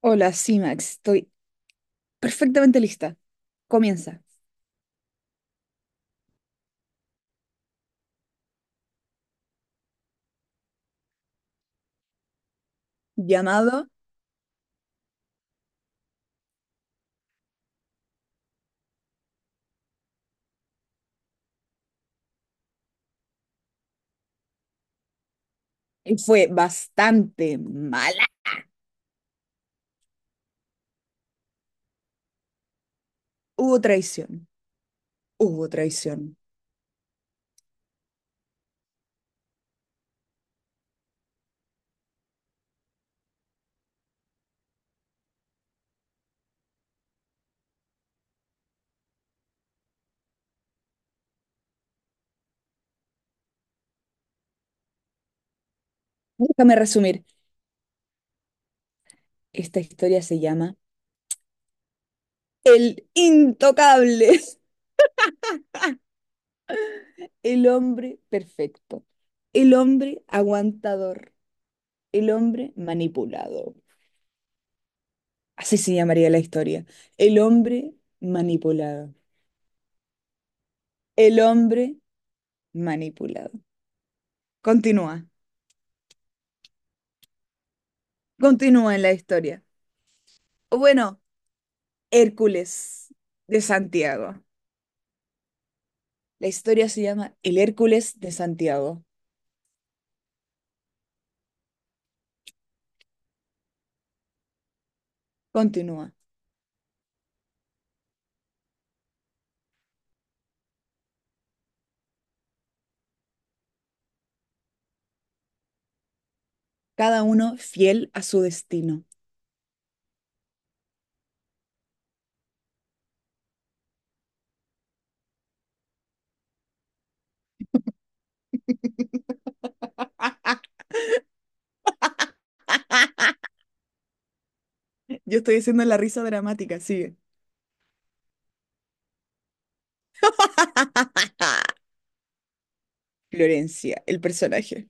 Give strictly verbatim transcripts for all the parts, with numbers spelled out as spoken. Hola, sí, Max, estoy perfectamente lista. Comienza. Llamado y fue bastante mala. Hubo traición. Hubo traición. Déjame resumir. Esta historia se llama El Intocable, el hombre perfecto, el hombre aguantador, el hombre manipulado. Así se llamaría la historia. El hombre manipulado. El hombre manipulado. Continúa. Continúa en la historia. O bueno. Hércules de Santiago. La historia se llama El Hércules de Santiago. Continúa. Cada uno fiel a su destino. Yo estoy haciendo la risa dramática, sigue. Florencia, el personaje.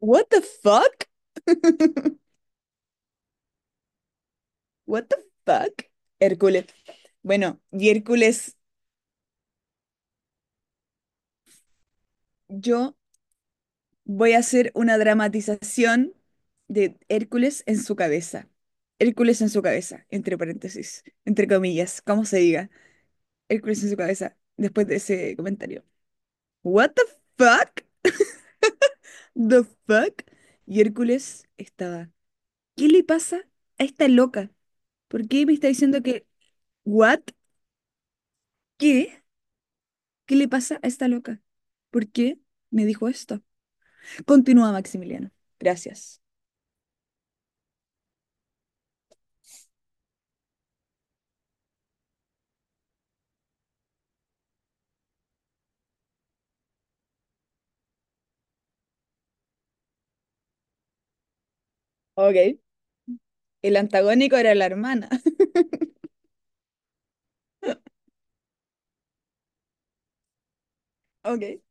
What the fuck? What the fuck? Hércules. Bueno, y Hércules, yo voy a hacer una dramatización de Hércules en su cabeza. Hércules en su cabeza, entre paréntesis, entre comillas, como se diga. Hércules en su cabeza después de ese comentario. What the fuck? The fuck? Y Hércules estaba. ¿Qué le pasa a esta loca? ¿Por qué me está diciendo que what? ¿Qué? ¿Qué le pasa a esta loca? ¿Por qué me dijo esto? Continúa Maximiliano. Gracias. Ok. El antagónico era la hermana. Ok.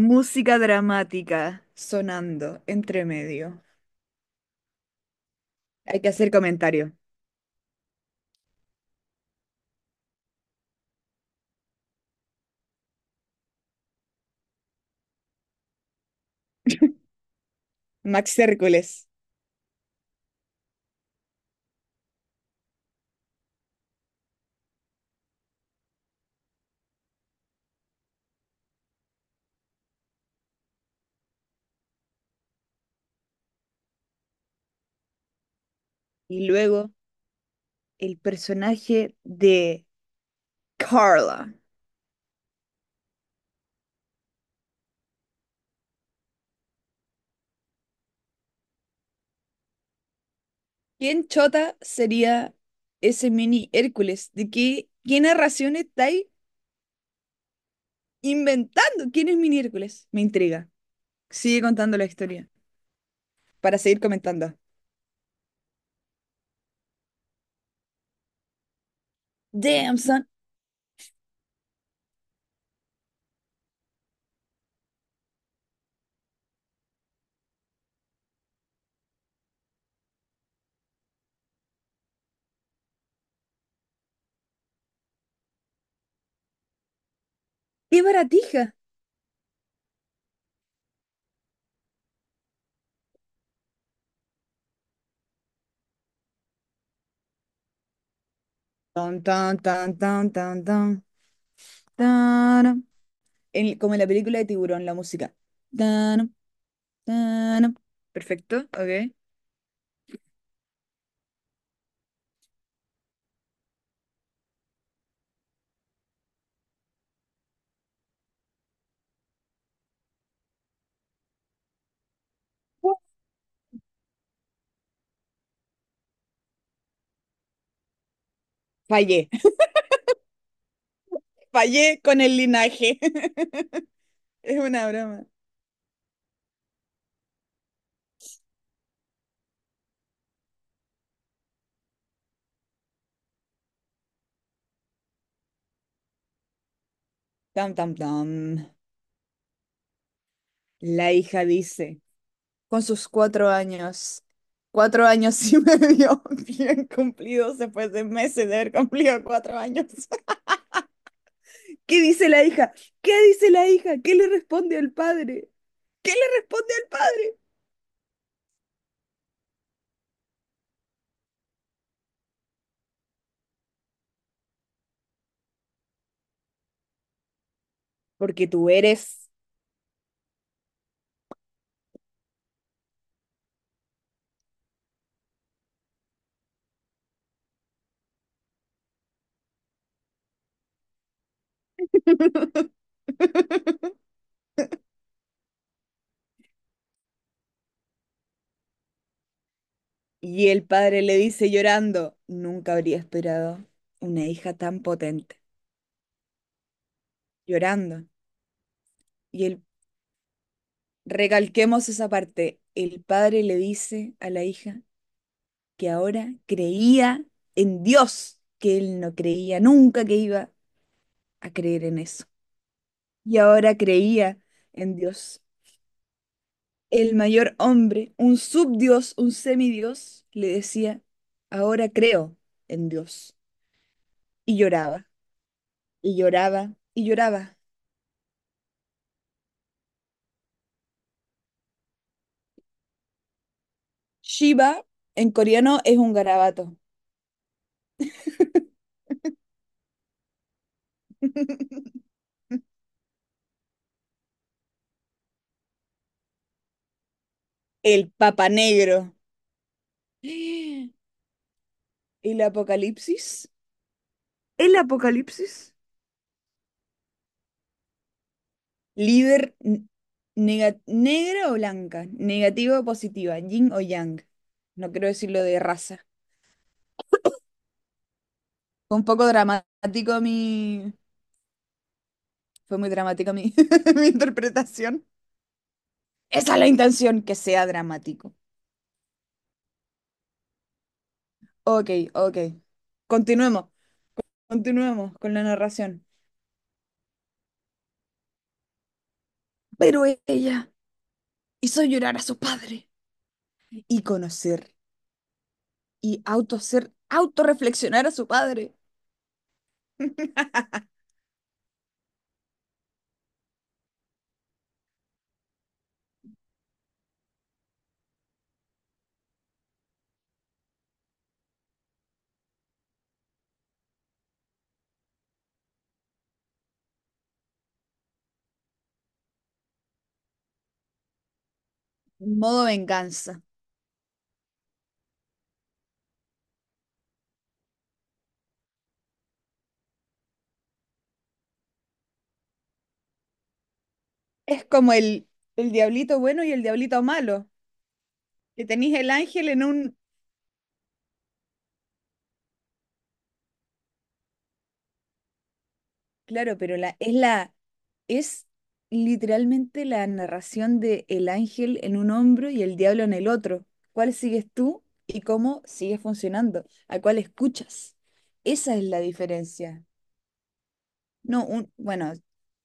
Música dramática sonando entre medio. Hay que hacer comentario. Max Hércules. Y luego el personaje de Carla. ¿Quién chota sería ese mini Hércules? ¿De qué, qué narración estáis inventando? ¿Quién es mini Hércules? Me intriga. Sigue contando la historia para seguir comentando. Damn, son. ¡Qué baratija! Tan, tan, tan, tan, tan, tan, tan. En- como en la película de Tiburón, la música. Tan, tan. Perfecto, ok. Fallé, fallé con el linaje. Es una broma. Tam, tam, tam. La hija dice, con sus cuatro años. Cuatro años y medio bien cumplidos después de meses de haber cumplido cuatro años. ¿Qué dice la hija? ¿Qué dice la hija? ¿Qué le responde al padre? ¿Qué le responde al padre? Porque tú eres. Y el padre le dice llorando, nunca habría esperado una hija tan potente, llorando. Y el Recalquemos esa parte. El padre le dice a la hija que ahora creía en Dios, que él no creía nunca que iba a creer en eso. Y ahora creía en Dios. El mayor hombre, un subdios, un semidios, le decía, ahora creo en Dios. Y lloraba, y lloraba, y lloraba. Shiva en coreano es un garabato. El papa negro. El apocalipsis. El apocalipsis. Líder n- nega- Negra o blanca, negativa o positiva, yin o yang. No quiero decirlo de raza. Fue un poco dramático mi... Fue muy dramática mi, mi interpretación. Esa es la intención, que sea dramático. Ok, ok. Continuemos, continuemos con la narración. Pero ella hizo llorar a su padre y conocer y auto ser, autorreflexionar a su padre. Modo venganza. Es como el, el diablito bueno y el diablito malo. Que tenéis el ángel en un... Claro, pero la, es la... Es literalmente la narración de el ángel en un hombro y el diablo en el otro. ¿Cuál sigues tú y cómo sigue funcionando? ¿A cuál escuchas? Esa es la diferencia. No, un, bueno,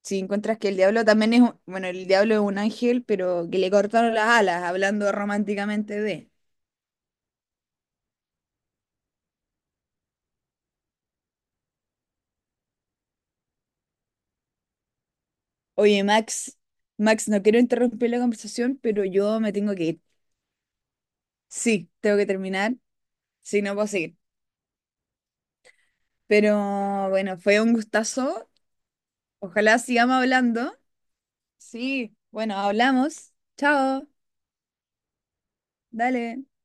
si encuentras que el diablo también es... un- Bueno, el diablo es un ángel, pero que le cortaron las alas, hablando románticamente de... Oye, Max, Max, no quiero interrumpir la conversación, pero yo me tengo que ir. Sí, tengo que terminar, si no puedo seguir. Pero bueno, fue un gustazo. Ojalá sigamos hablando. Sí, bueno, hablamos. Chao, dale.